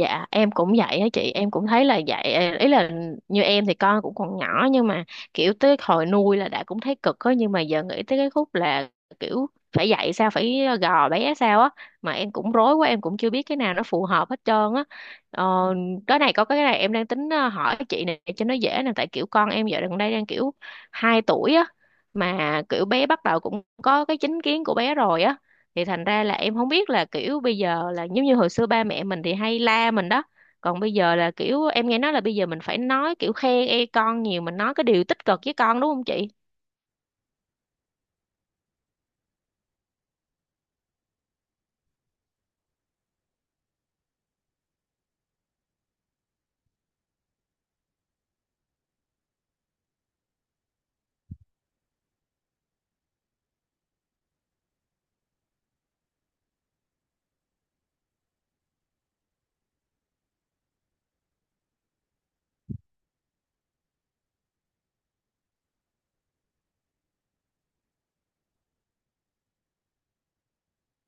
Dạ em cũng vậy á, chị em cũng thấy là vậy. Ờ, Ý là như em thì con cũng còn nhỏ, nhưng mà kiểu tới hồi nuôi là đã cũng thấy cực á, nhưng mà giờ nghĩ tới cái khúc là kiểu phải dạy sao, phải gò bé sao á mà em cũng rối quá, em cũng chưa biết cái nào nó phù hợp hết trơn á. ờ, cái này, có cái này em đang tính hỏi chị này cho nó dễ nè, tại kiểu con em giờ gần đây đang kiểu 2 tuổi á, mà kiểu bé bắt đầu cũng có cái chính kiến của bé rồi á. Thì thành ra là em không biết là kiểu bây giờ là giống như hồi xưa ba mẹ mình thì hay la mình đó, còn bây giờ là kiểu em nghe nói là bây giờ mình phải nói kiểu khen ê con nhiều, mình nói cái điều tích cực với con, đúng không chị?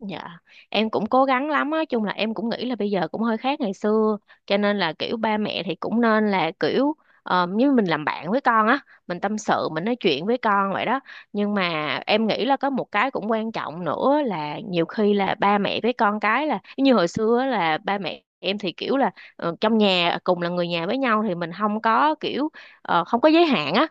Dạ, em cũng cố gắng lắm á, chung là em cũng nghĩ là bây giờ cũng hơi khác ngày xưa, cho nên là kiểu ba mẹ thì cũng nên là kiểu như mình làm bạn với con á, mình tâm sự, mình nói chuyện với con vậy đó. Nhưng mà em nghĩ là có một cái cũng quan trọng nữa là nhiều khi là ba mẹ với con cái là như hồi xưa á, là ba mẹ em thì kiểu là trong nhà cùng là người nhà với nhau thì mình không có kiểu không có giới hạn á,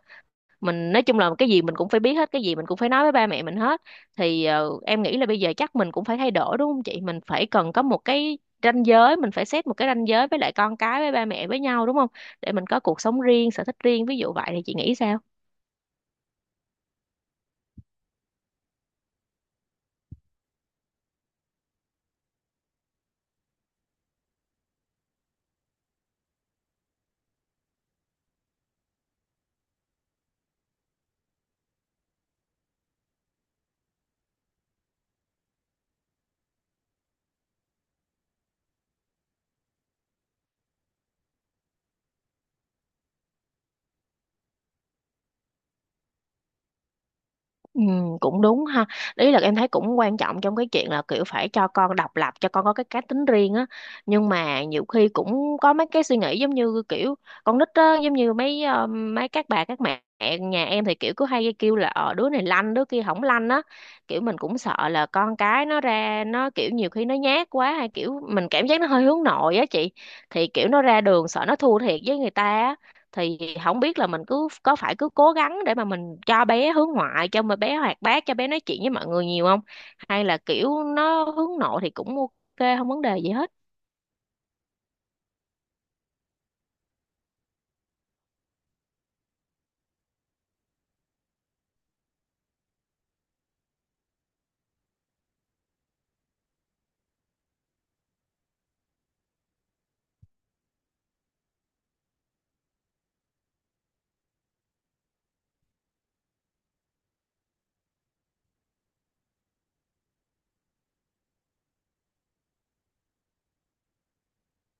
mình nói chung là cái gì mình cũng phải biết hết, cái gì mình cũng phải nói với ba mẹ mình hết. Thì em nghĩ là bây giờ chắc mình cũng phải thay đổi, đúng không chị? Mình phải cần có một cái ranh giới, mình phải set một cái ranh giới với lại con cái với ba mẹ với nhau, đúng không, để mình có cuộc sống riêng, sở thích riêng, ví dụ vậy. Thì chị nghĩ sao? Ừ, cũng đúng ha. Ý là em thấy cũng quan trọng trong cái chuyện là kiểu phải cho con độc lập, cho con có cái cá tính riêng á, nhưng mà nhiều khi cũng có mấy cái suy nghĩ giống như kiểu con nít á, giống như mấy mấy các bà các mẹ nhà em thì kiểu cứ hay kêu là đứa này lanh, đứa kia không lanh á, kiểu mình cũng sợ là con cái nó ra nó kiểu nhiều khi nó nhát quá, hay kiểu mình cảm giác nó hơi hướng nội á chị. Thì kiểu nó ra đường sợ nó thua thiệt với người ta á, thì không biết là mình cứ có phải cứ cố gắng để mà mình cho bé hướng ngoại, cho mà bé hoạt bát, cho bé nói chuyện với mọi người nhiều không, hay là kiểu nó hướng nội thì cũng ok, không vấn đề gì hết.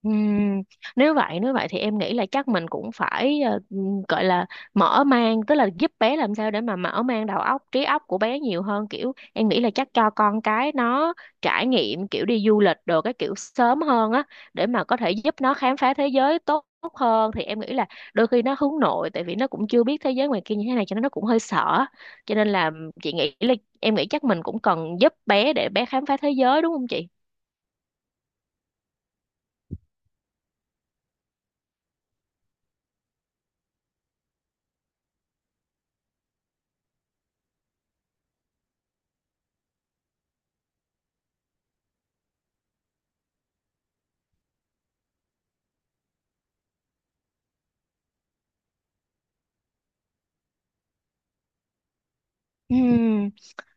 Ừm, nếu vậy, nếu vậy thì em nghĩ là chắc mình cũng phải gọi là mở mang, tức là giúp bé làm sao để mà mở mang đầu óc, trí óc của bé nhiều hơn. Kiểu em nghĩ là chắc cho con cái nó trải nghiệm kiểu đi du lịch đồ, cái kiểu sớm hơn á, để mà có thể giúp nó khám phá thế giới tốt, tốt hơn. Thì em nghĩ là đôi khi nó hướng nội tại vì nó cũng chưa biết thế giới ngoài kia như thế này, cho nên nó cũng hơi sợ. Cho nên là chị nghĩ là em nghĩ chắc mình cũng cần giúp bé để bé khám phá thế giới, đúng không chị? Ừm.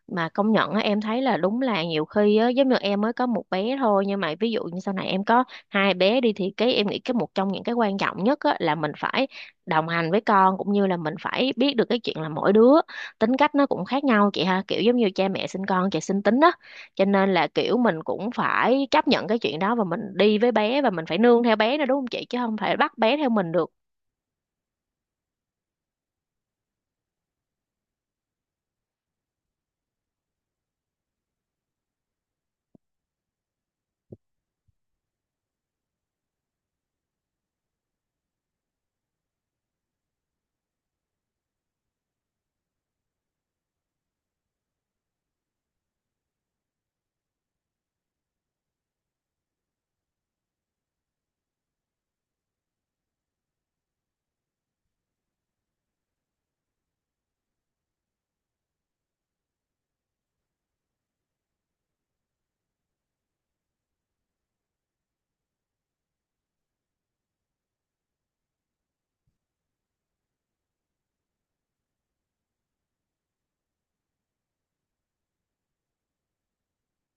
Mà công nhận á, em thấy là đúng là nhiều khi á, giống như em mới có một bé thôi, nhưng mà ví dụ như sau này em có hai bé đi, thì cái em nghĩ cái một trong những cái quan trọng nhất á, là mình phải đồng hành với con, cũng như là mình phải biết được cái chuyện là mỗi đứa tính cách nó cũng khác nhau, chị ha. Kiểu giống như cha mẹ sinh con, chị sinh tính á, cho nên là kiểu mình cũng phải chấp nhận cái chuyện đó và mình đi với bé và mình phải nương theo bé nữa, đúng không chị, chứ không phải bắt bé theo mình được.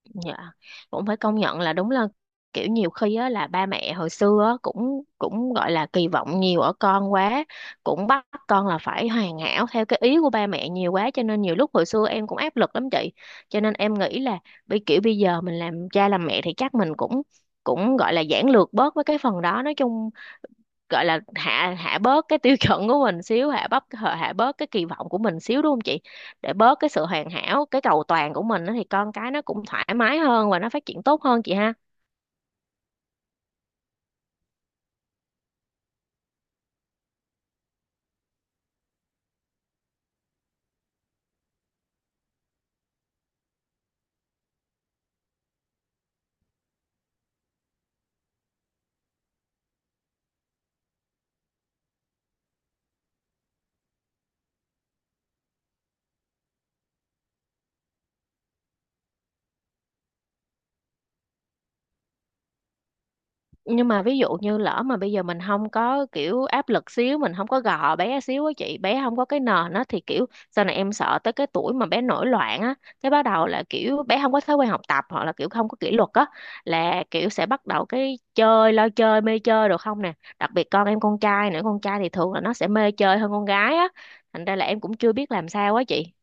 Dạ, cũng phải công nhận là đúng là kiểu nhiều khi á là ba mẹ hồi xưa á, cũng cũng gọi là kỳ vọng nhiều ở con quá, cũng bắt con là phải hoàn hảo theo cái ý của ba mẹ nhiều quá, cho nên nhiều lúc hồi xưa em cũng áp lực lắm chị. Cho nên em nghĩ là bây giờ mình làm cha làm mẹ thì chắc mình cũng cũng gọi là giản lược bớt với cái phần đó, nói chung gọi là hạ hạ bớt cái tiêu chuẩn của mình xíu, hạ bớt cái kỳ vọng của mình xíu, đúng không chị, để bớt cái sự hoàn hảo, cái cầu toàn của mình á, thì con cái nó cũng thoải mái hơn và nó phát triển tốt hơn, chị ha. Nhưng mà ví dụ như lỡ mà bây giờ mình không có kiểu áp lực xíu, mình không có gò bé xíu á chị, bé không có cái nền á, thì kiểu sau này em sợ tới cái tuổi mà bé nổi loạn á, cái bắt đầu là kiểu bé không có thói quen học tập hoặc là kiểu không có kỷ luật á, là kiểu sẽ bắt đầu cái chơi, lo chơi, mê chơi được không nè. Đặc biệt con em con trai nữa, con trai thì thường là nó sẽ mê chơi hơn con gái á, thành ra là em cũng chưa biết làm sao á chị.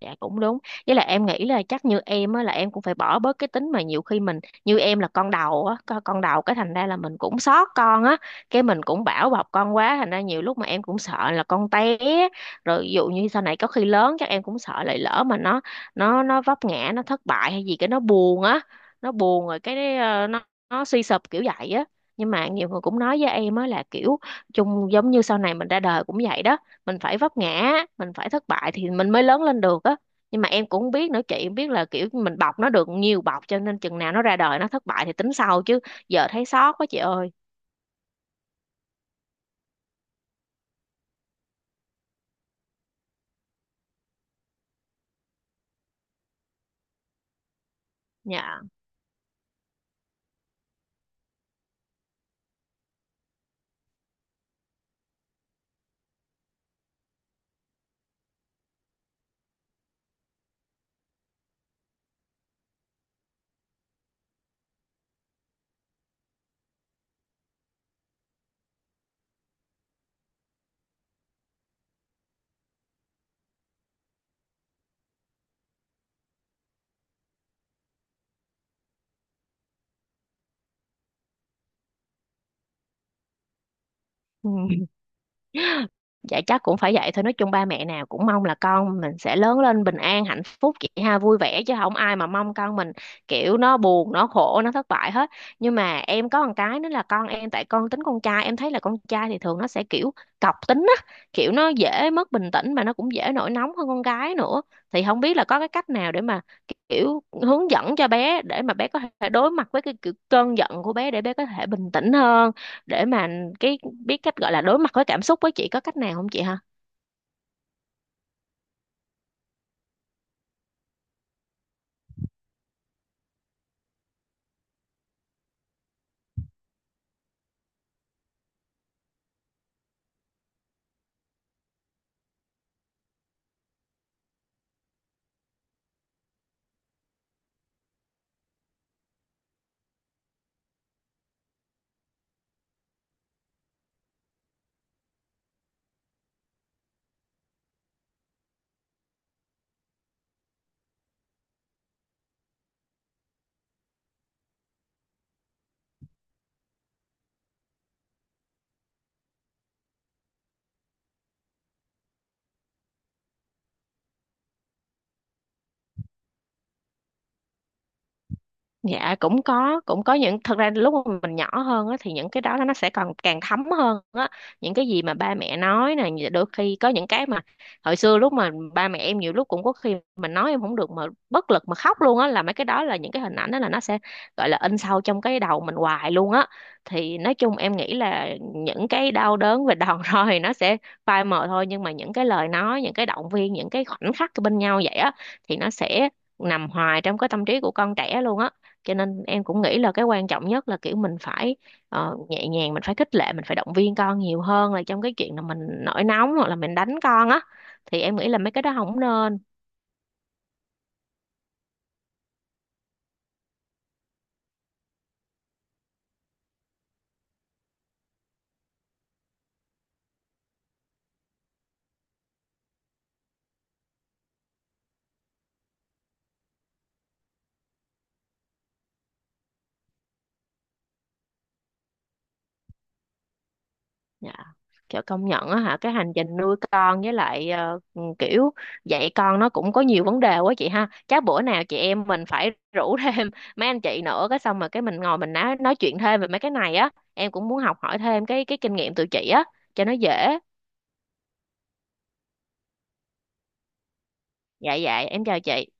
Dạ cũng đúng. Với lại em nghĩ là chắc như em á là em cũng phải bỏ bớt cái tính mà nhiều khi mình, như em là con đầu á, con đầu cái thành ra là mình cũng xót con á, cái mình cũng bảo bọc con quá, thành ra nhiều lúc mà em cũng sợ là con té, rồi ví dụ như sau này có khi lớn chắc em cũng sợ lại, lỡ mà nó vấp ngã, nó thất bại hay gì cái nó buồn á, nó buồn rồi cái nó suy sụp kiểu vậy á. Nhưng mà nhiều người cũng nói với em á là kiểu chung giống như sau này mình ra đời cũng vậy đó, mình phải vấp ngã, mình phải thất bại thì mình mới lớn lên được á. Nhưng mà em cũng biết nữa chị, em biết là kiểu mình bọc nó được nhiều bọc, cho nên chừng nào nó ra đời nó thất bại thì tính sau, chứ giờ thấy xót quá chị ơi. Dạ. Ừ. Dạ chắc cũng phải vậy thôi, nói chung ba mẹ nào cũng mong là con mình sẽ lớn lên bình an hạnh phúc, chị ha, vui vẻ, chứ không ai mà mong con mình kiểu nó buồn, nó khổ, nó thất bại hết. Nhưng mà em có một cái nữa là con em, tại con tính con trai, em thấy là con trai thì thường nó sẽ kiểu cọc tính á, kiểu nó dễ mất bình tĩnh mà nó cũng dễ nổi nóng hơn con gái nữa. Thì không biết là có cái cách nào để mà kiểu hướng dẫn cho bé để mà bé có thể đối mặt với cái kiểu cơn giận của bé, để bé có thể bình tĩnh hơn, để mà cái biết cách gọi là đối mặt với cảm xúc với, chị có cách nào không chị ha? Dạ cũng có, cũng có những, thật ra lúc mà mình nhỏ hơn á, thì những cái đó nó sẽ còn càng thấm hơn á. Những cái gì mà ba mẹ nói nè, đôi khi có những cái mà hồi xưa lúc mà ba mẹ em nhiều lúc cũng có khi mình nói em không được mà bất lực mà khóc luôn á, là mấy cái đó, là những cái hình ảnh đó là nó sẽ gọi là in sâu trong cái đầu mình hoài luôn á. Thì nói chung em nghĩ là những cái đau đớn về đòn roi thì nó sẽ phai mờ thôi, nhưng mà những cái lời nói, những cái động viên, những cái khoảnh khắc bên nhau vậy á, thì nó sẽ nằm hoài trong cái tâm trí của con trẻ luôn á. Cho nên em cũng nghĩ là cái quan trọng nhất là kiểu mình phải nhẹ nhàng, mình phải khích lệ, mình phải động viên con nhiều hơn là trong cái chuyện là mình nổi nóng hoặc là mình đánh con á, thì em nghĩ là mấy cái đó không nên. Dạ, kiểu công nhận á hả, cái hành trình nuôi con với lại kiểu dạy con nó cũng có nhiều vấn đề quá chị ha. Chắc bữa nào chị em mình phải rủ thêm mấy anh chị nữa, cái xong rồi cái mình ngồi mình nói chuyện thêm về mấy cái này á, em cũng muốn học hỏi thêm cái kinh nghiệm từ chị á cho nó dễ. Dạ, dạ em chào chị.